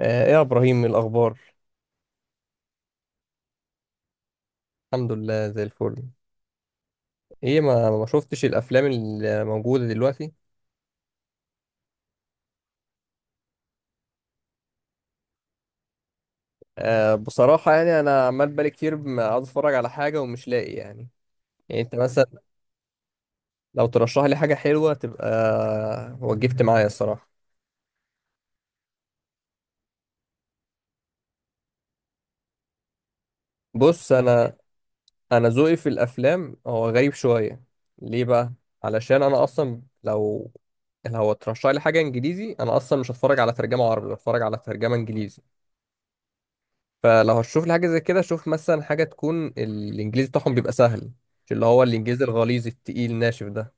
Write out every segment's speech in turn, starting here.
ايه يا ابراهيم الاخبار؟ الحمد لله زي الفل. ايه، ما شفتش الافلام اللي موجوده دلوقتي؟ أه بصراحه يعني انا عمال بقالي كتير ما عاوز اتفرج على حاجه ومش لاقي يعني. يعني انت مثلا لو ترشح لي حاجه حلوه تبقى وجبت معايا الصراحه. بص انا، انا ذوقي في الافلام هو غريب شويه. ليه بقى؟ علشان انا اصلا لو، لو ترشح لي حاجه انجليزي انا اصلا مش هتفرج على ترجمه عربي، هتفرج على ترجمه انجليزي. فلو هتشوف لي حاجه زي كده شوف مثلا حاجه تكون الانجليزي بتاعهم بيبقى سهل، مش اللي هو الانجليزي الغليظ التقيل الناشف ده.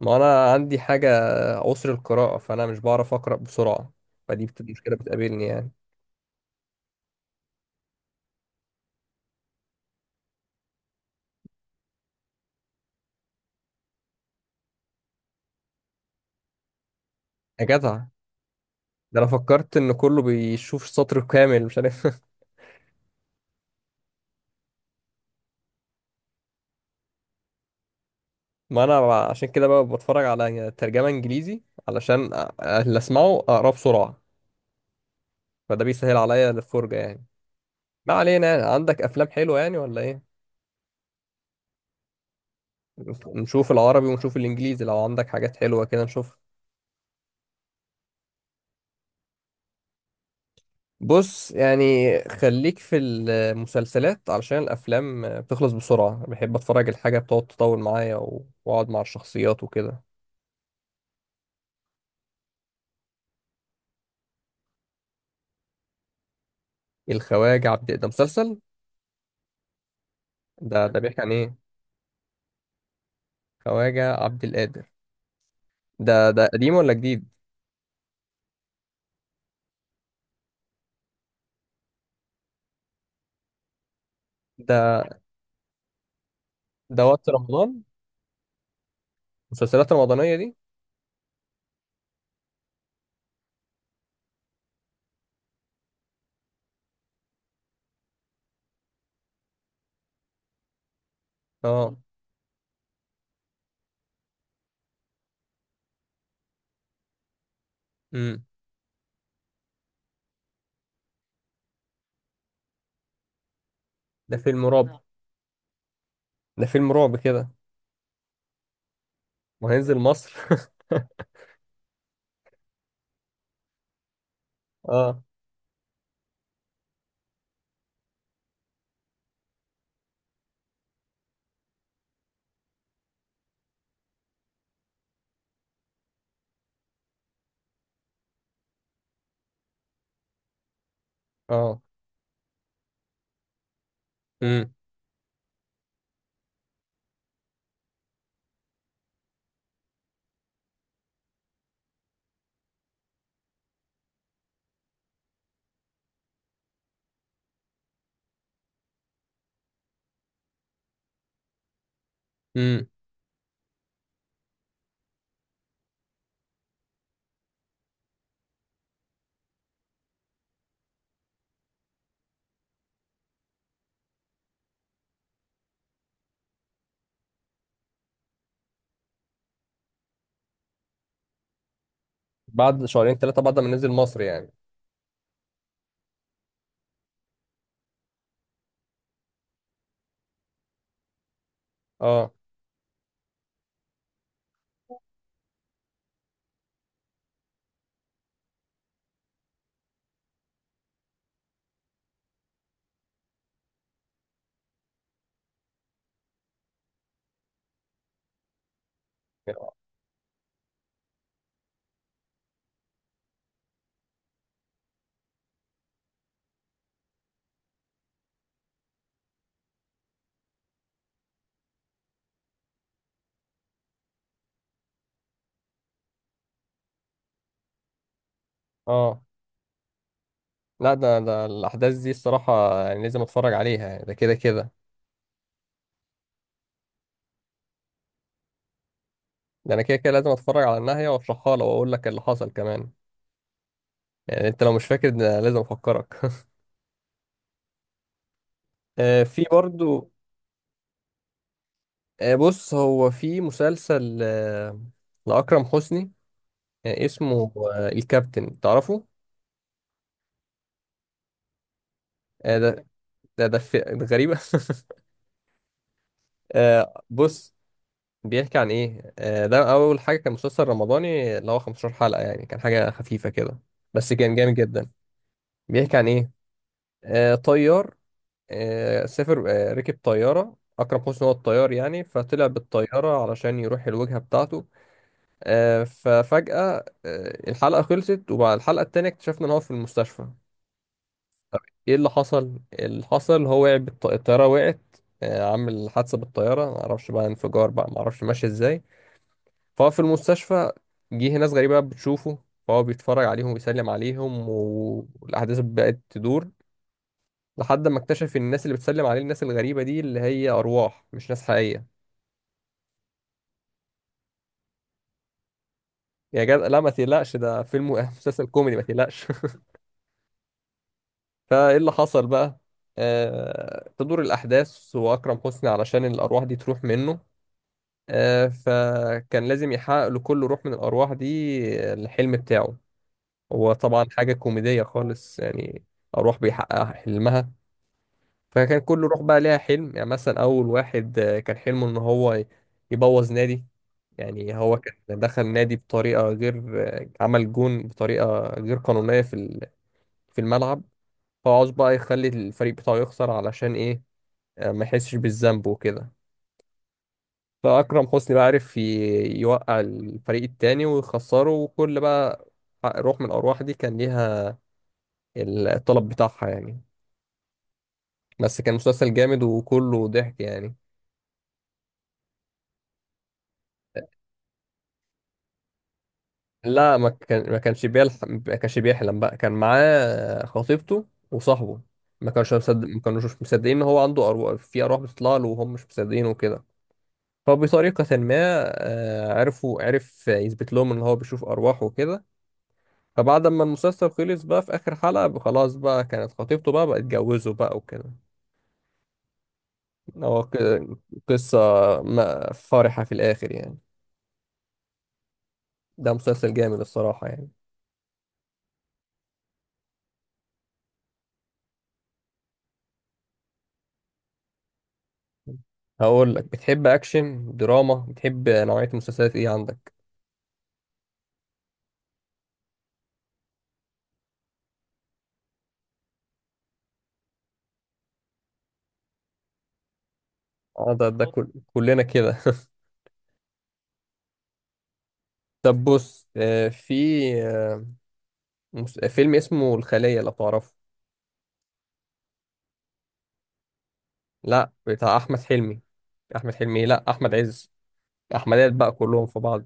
ما انا عندي حاجه عسر القراءه فانا مش بعرف اقرا بسرعه. فدي مشكله بتقابلني يعني. يا جدع، ده انا فكرت ان كله بيشوف سطر كامل، مش عارف. ما انا عشان كده بقى بتفرج على ترجمه انجليزي، علشان اللي اسمعه اقراه بسرعه. فده بيسهل عليا الفرجه يعني. ما علينا يعني. عندك افلام حلوه يعني ولا ايه؟ نشوف العربي ونشوف الانجليزي، لو عندك حاجات حلوة كده نشوف. بص يعني، خليك في المسلسلات علشان الافلام بتخلص بسرعة، بحب اتفرج الحاجة بتقعد تطول معايا واقعد مع الشخصيات وكده. الخواجة عبد ده مسلسل؟ ده بيحكي عن ايه؟ خواجة عبد القادر ده قديم ولا جديد؟ ده ده وقت رمضان، المسلسلات الرمضانية دي؟ اه. امم. ده فيلم رعب؟ ده فيلم رعب كده؟ وهينزل مصر. اه. اه. امم. بعد شهرين ثلاثة، بعد ما نزل مصر يعني؟ اه. اه. لا، ده الأحداث دي الصراحة يعني لازم أتفرج عليها يعني، ده كده كده. ده أنا كده كده لازم أتفرج على النهاية وأشرحها لك وأقول لك اللي حصل كمان. يعني أنت لو مش فاكر ده لازم أفكرك. آه، في برضو. آه بص، هو في مسلسل، آه، لأكرم حسني. آه، اسمه، آه، الكابتن، تعرفه؟ آه ده، ده ده غريبة. آه بص، بيحكي عن ايه؟ ده اول حاجه كان مسلسل رمضاني اللي هو 15 حلقه، يعني كان حاجه خفيفه كده بس كان جامد جدا. بيحكي عن ايه؟ طيار، سافر، ركب طياره. اكرم حسني هو الطيار يعني، فطلع بالطياره علشان يروح الوجهه بتاعته. ففجاه، الحلقه خلصت وبعد الحلقه التانيه اكتشفنا ان هو في المستشفى. طب ايه اللي حصل؟ اللي حصل هو وقع الطياره وقعت، عامل حادثه بالطياره، معرفش بقى انفجار بقى معرفش ماشي ازاي. فهو في المستشفى، جه ناس غريبة بتشوفه، فهو بيتفرج عليهم وبيسلم عليهم والأحداث بقت تدور لحد ما اكتشف إن الناس اللي بتسلم عليه، الناس الغريبة دي، اللي هي أرواح مش ناس حقيقية. يا جدع لا ما تقلقش، ده فيلم مسلسل كوميدي، ما تقلقش. فإيه اللي حصل بقى؟ آه... تدور الأحداث، وأكرم حسني علشان الأرواح دي تروح منه، آه... فكان لازم يحقق لكل روح من الأرواح دي الحلم بتاعه. هو طبعا حاجة كوميدية خالص يعني، أرواح بيحقق حلمها. فكان كله روح بقى ليها حلم، يعني مثلا اول واحد، كان حلمه ان يبوظ نادي. يعني هو كان دخل نادي بطريقه غير، عمل جون بطريقه غير قانونيه في في الملعب. فهو عاوز بقى يخلي الفريق بتاعه يخسر، علشان ايه؟ ما يحسش بالذنب وكده. فاكرم حسني بقى عرف يوقع الفريق التاني ويخسره، وكل بقى روح من الارواح دي كان ليها الطلب بتاعها يعني. بس كان مسلسل جامد وكله ضحك يعني. لا، ما كان ما كانش بيلحق، ما كانش بيحلم بقى، كان معاه خطيبته وصاحبه. ما كانش مصدق، ما كانوش مصدقين ان هو عنده أرواح، في أرواح بتطلع له وهم مش مصدقين وكده. فبطريقة ما، آه، عرف يثبت لهم ان هو بيشوف أرواح وكده. فبعد ما المسلسل خلص بقى في آخر حلقة، خلاص بقى كانت خطيبته بقى، اتجوزوا بقى وكده. هو ك- قصة فرحة في الآخر يعني. ده مسلسل جامد الصراحة يعني. هقول لك، بتحب اكشن دراما، بتحب نوعية مسلسلات ايه عندك؟ اه ده ده كل... كلنا كده. طب بص، في، آه، فيلم اسمه الخلية، لو تعرفه. لا بتاع احمد حلمي. احمد حلمي، لا احمد عز. احمدات بقى كلهم في بعض.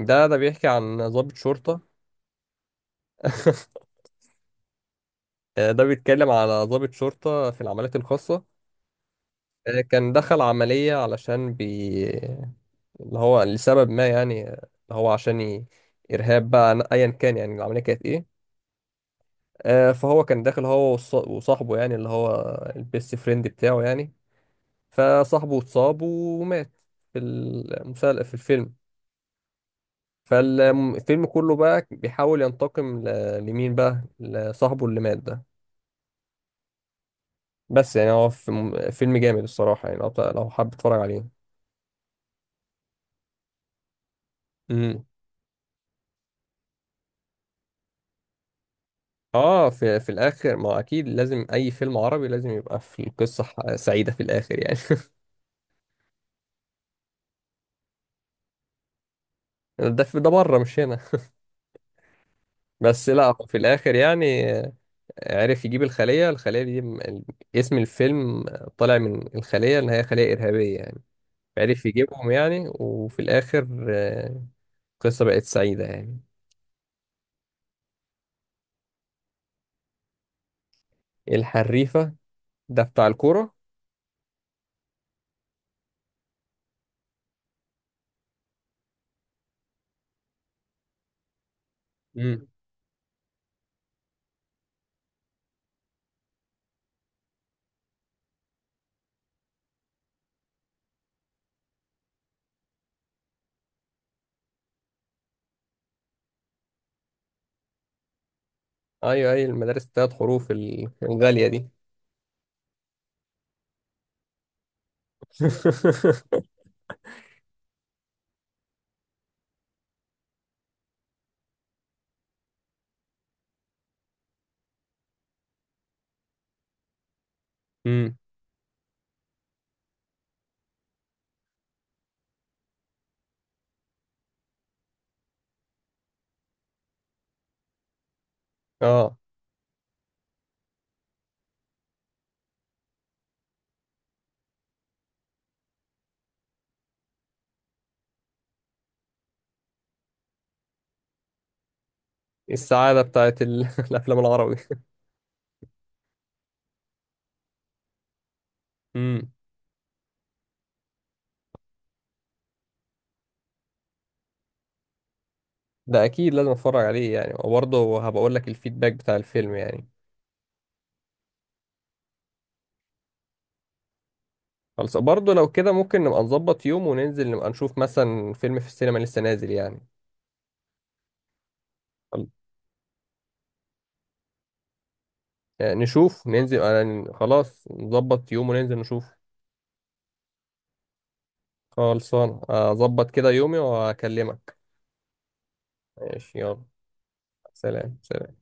ده بيحكي عن ضابط شرطة. ده بيتكلم على ضابط شرطة في العمليات الخاصة. كان دخل عملية علشان اللي هو لسبب ما يعني، اللي هو عشان ي... إرهاب بقى أيا كان يعني العملية كانت إيه. فهو كان داخل، هو وصاحبه يعني، اللي هو البيست فريند بتاعه يعني. فصاحبه اتصاب ومات في المسلسل، في الفيلم. فالفيلم كله بقى بيحاول ينتقم لمين بقى؟ لصاحبه اللي مات ده. بس يعني هو فيلم جامد الصراحة يعني، لو لو حابب تتفرج عليه. مم. اه، في في الاخر ما اكيد لازم اي فيلم عربي لازم يبقى في القصه سعيده في الاخر يعني. ده في ده بره مش هنا. بس لا في الاخر يعني، عرف يجيب الخليه. الخليه دي، اسم الفيلم، طالع من الخليه اللي هي خليه ارهابيه يعني. عرف يجيبهم يعني، وفي الاخر، القصه بقت سعيده يعني. الحريفه؟ ده بتاع الكوره. امم. ايوه، ايوه المدارس الثلاث حروف الغاليه دي. امم. اه. السعادة بتاعت ال... الأفلام العربي. امم. ده أكيد لازم أتفرج عليه يعني، وبرضه هبقى أقول لك الفيدباك بتاع الفيلم يعني. خلاص، برضه لو كده ممكن نبقى نظبط يوم وننزل نبقى نشوف مثلا فيلم في السينما لسه نازل يعني. خل- يعني نشوف ننزل، أنا خلاص نظبط يوم وننزل نشوف. خلصان، أظبط كده يومي وأكلمك. ماشي، يلا. سلام.